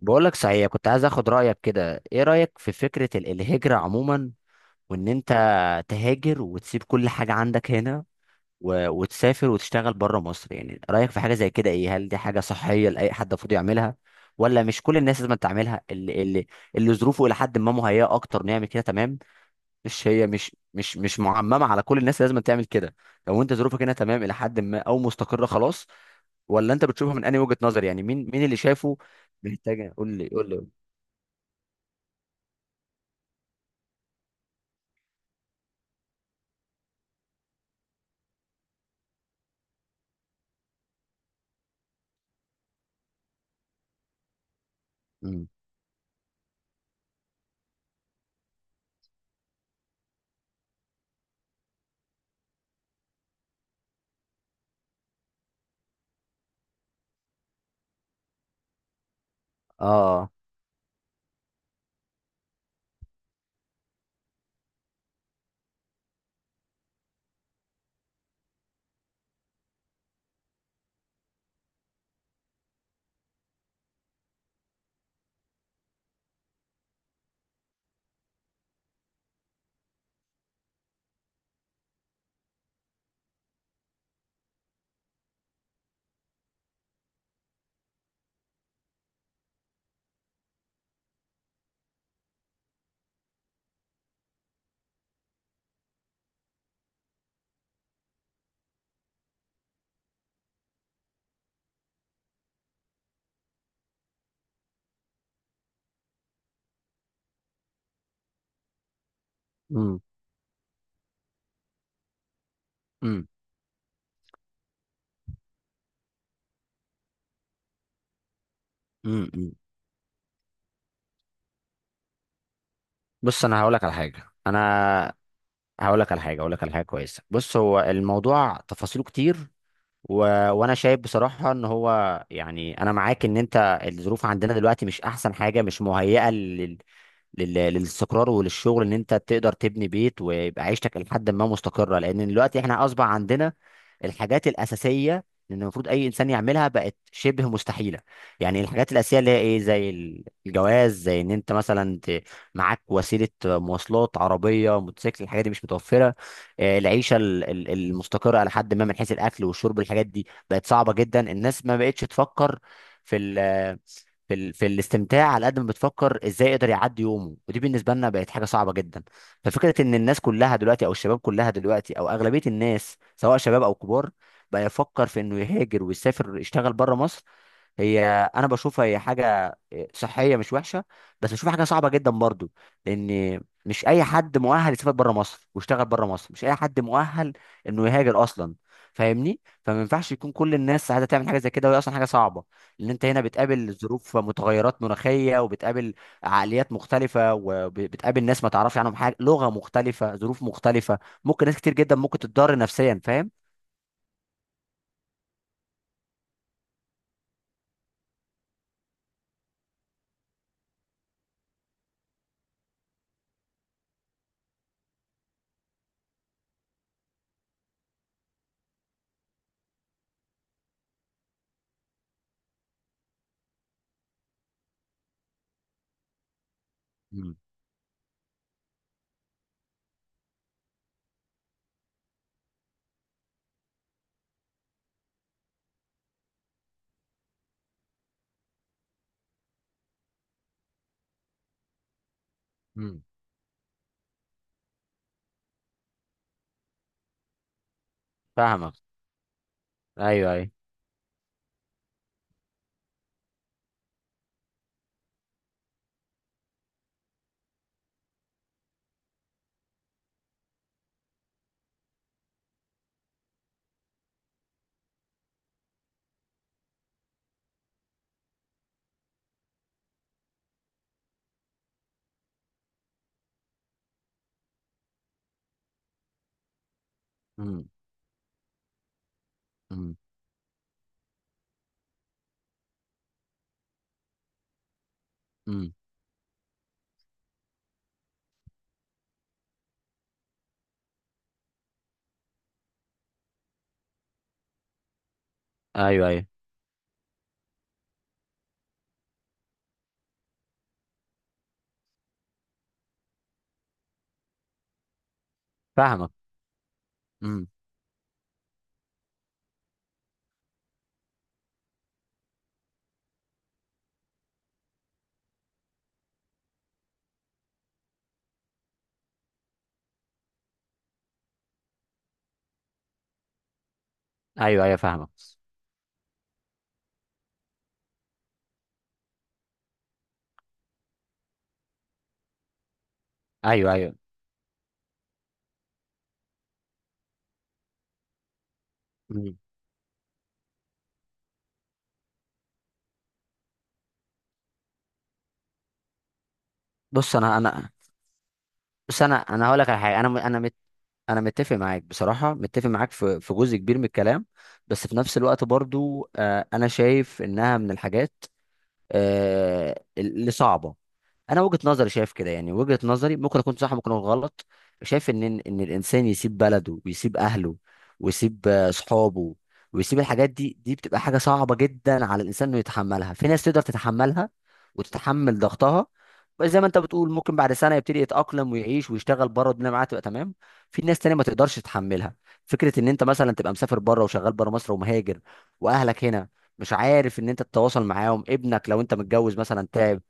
بقولك صحيح، كنت عايز اخد رأيك كده. ايه رأيك في فكرة الهجرة عموما، وان انت تهاجر وتسيب كل حاجة عندك هنا و... وتسافر وتشتغل بره مصر؟ يعني رأيك في حاجة زي كده ايه؟ هل دي حاجة صحية لأي حد المفروض يعملها، ولا مش كل الناس لازم تعملها؟ اللي ظروفه الى حد ما مهيئة اكتر نعمل كده، تمام؟ مش هي مش معممة على كل الناس لازم تعمل كده. لو انت ظروفك هنا تمام الى حد ما او مستقرة خلاص، ولا انت بتشوفها من انهي وجهة نظر؟ يعني مين اللي شايفه محتاج؟ قول لي قول لي. مم. اه. مم. مم. مم. مم. بص انا هقول لك على حاجه هقول لك على حاجه كويسه. بص، هو الموضوع تفاصيله كتير، و... وانا شايف بصراحه ان هو، يعني انا معاك، ان انت الظروف عندنا دلوقتي مش احسن حاجه، مش مهيئه للاستقرار وللشغل، ان انت تقدر تبني بيت ويبقى عيشتك لحد ما مستقره. لان دلوقتي احنا اصبح عندنا الحاجات الاساسيه اللي المفروض اي انسان يعملها بقت شبه مستحيله. يعني الحاجات الاساسيه اللي هي ايه، زي الجواز، زي ان انت مثلا معاك وسيله مواصلات، عربيه، موتوسيكل، الحاجات دي مش متوفره. العيشه المستقره على حد ما من حيث الاكل والشرب، الحاجات دي بقت صعبه جدا. الناس ما بقتش تفكر في في الاستمتاع، على قد ما بتفكر ازاي يقدر يعدي يومه، ودي بالنسبه لنا بقت حاجه صعبه جدا. ففكره ان الناس كلها دلوقتي او الشباب كلها دلوقتي او اغلبيه الناس سواء شباب او كبار بقى يفكر في انه يهاجر ويسافر يشتغل بره مصر، هي انا بشوفها هي حاجه صحيه مش وحشه، بس بشوفها حاجه صعبه جدا برضو. لان مش اي حد مؤهل يسافر بره مصر ويشتغل بره مصر، مش اي حد مؤهل انه يهاجر اصلا، فاهمني؟ فما ينفعش يكون كل الناس عايزه تعمل حاجه زي كده وهي اصلا حاجه صعبه. لان انت هنا بتقابل ظروف، متغيرات مناخيه، وبتقابل عقليات مختلفه، وبتقابل ناس ما تعرفش عنهم حاجه، لغه مختلفه، ظروف مختلفه، ممكن ناس كتير جدا ممكن تتضرر نفسيا، فاهم؟ مم. مم. فاهمك. ايوه ايوه. مم. مم. مم. ايوه ايوه فاهمك. امم. ايوه ايوه فاهمك. ايوه ايوه. مم. بص انا انا بص انا هقول لك على حاجه، انا م- انا مت انا متفق معاك بصراحه، متفق معاك في جزء كبير من الكلام. بس في نفس الوقت برضو، انا شايف انها من الحاجات، اللي صعبه. انا وجهة نظري شايف كده، يعني وجهة نظري ممكن اكون صح ممكن اكون غلط. شايف ان الانسان يسيب بلده ويسيب اهله ويسيب صحابه ويسيب الحاجات دي، دي بتبقى حاجة صعبة جدا على الانسان انه يتحملها. في ناس تقدر تتحملها وتتحمل ضغطها، بس زي ما انت بتقول، ممكن بعد سنة يبتدي يتأقلم ويعيش ويشتغل بره والدنيا معاه تبقى تمام. في ناس تانية ما تقدرش تتحملها. فكرة ان انت مثلا تبقى مسافر بره وشغال بره مصر ومهاجر، واهلك هنا مش عارف ان انت تتواصل معاهم، ابنك لو انت متجوز مثلا، تعب.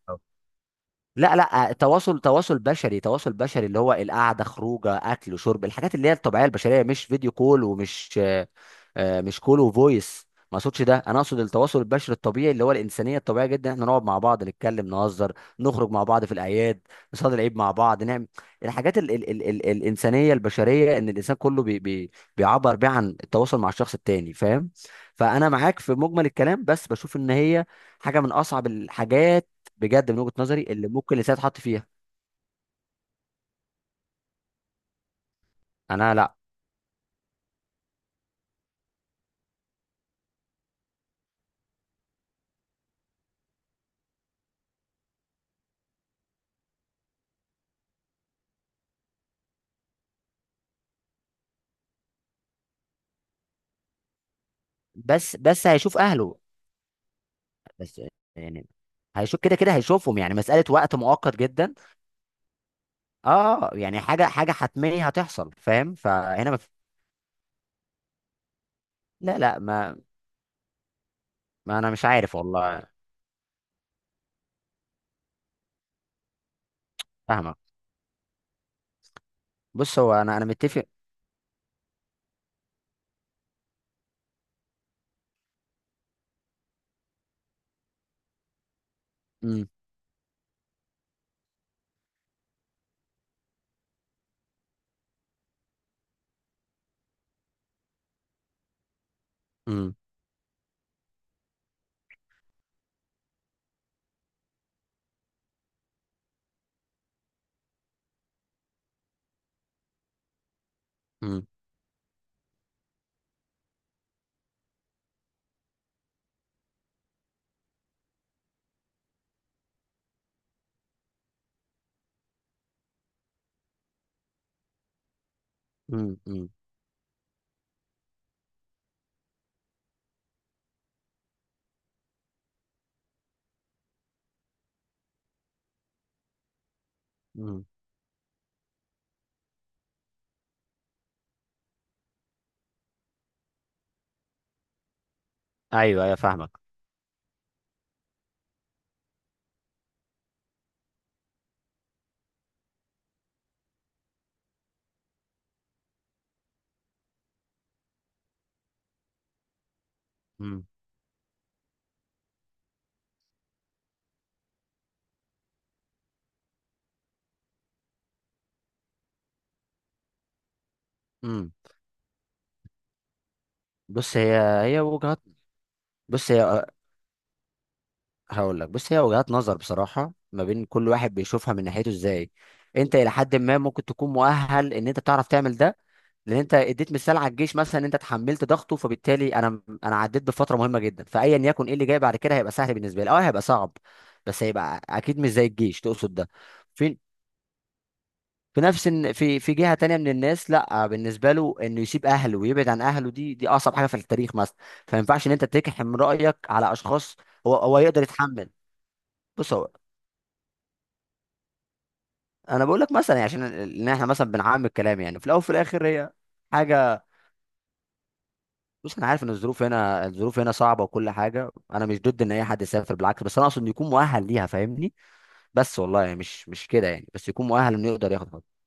لا لا، تواصل بشري اللي هو القعده، خروجه، اكل، شرب، الحاجات اللي هي الطبيعيه البشريه، مش فيديو كول ومش مش كول وفويس. ما اقصدش ده، انا اقصد التواصل البشري الطبيعي اللي هو الانسانيه الطبيعيه جدا، احنا نقعد مع بعض نتكلم نهزر، نخرج مع بعض في الاعياد، نصلي العيد مع بعض، نعمل الحاجات ال ال ال ال الانسانيه البشريه ان الانسان كله بي بي بيعبر بيها عن التواصل مع الشخص التاني، فاهم؟ فانا معاك في مجمل الكلام، بس بشوف ان هي حاجه من اصعب الحاجات بجد من وجهة نظري اللي ممكن لسه يتحط فيها. انا لا. بس هيشوف اهله، بس يعني هيشوف كده كده، هيشوفهم يعني، مسألة وقت مؤقت جدا. اه يعني حاجة حتمية هتحصل، فاهم؟ فهنا ما في... لا لا، ما, ما انا مش عارف والله. فاهمك. بص هو انا متفق. امم. امم. امم. امم. امم. ايوه ايوه فاهمك. امم. امم. بص هي هي وجهات بص هي هقول لك، بص هي وجهات نظر بصراحة، ما بين كل واحد بيشوفها من ناحيته ازاي. انت الى حد ما ممكن تكون مؤهل ان انت تعرف تعمل ده، لان انت اديت مثال على الجيش مثلا ان انت تحملت ضغطه، فبالتالي انا عديت بفتره مهمه جدا فايا يكن ايه اللي جاي بعد كده هيبقى سهل بالنسبه لي. اه هيبقى صعب بس هيبقى اكيد مش زي الجيش تقصد ده. في في نفس إن- في في جهه تانية من الناس، لا بالنسبه له انه يسيب اهله ويبعد عن اهله، دي اصعب حاجه في التاريخ مثلا. فما ينفعش ان انت تكحم رايك على اشخاص، هو يقدر يتحمل. بص هو انا بقول لك مثلا، يعني عشان ان احنا مثلا بنعمم الكلام يعني في الاول وفي الاخر هي حاجه. بص انا عارف ان الظروف هنا صعبه وكل حاجه، انا مش ضد ان اي حد يسافر بالعكس، بس انا اقصد انه يكون مؤهل ليها، فاهمني؟ بس والله يعني مش كده يعني، بس يكون مؤهل انه يقدر ياخد خطوه.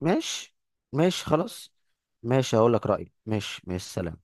ماشي. ماشي خلاص. ماشي هقول لك رايي. ماشي ماشي. سلام.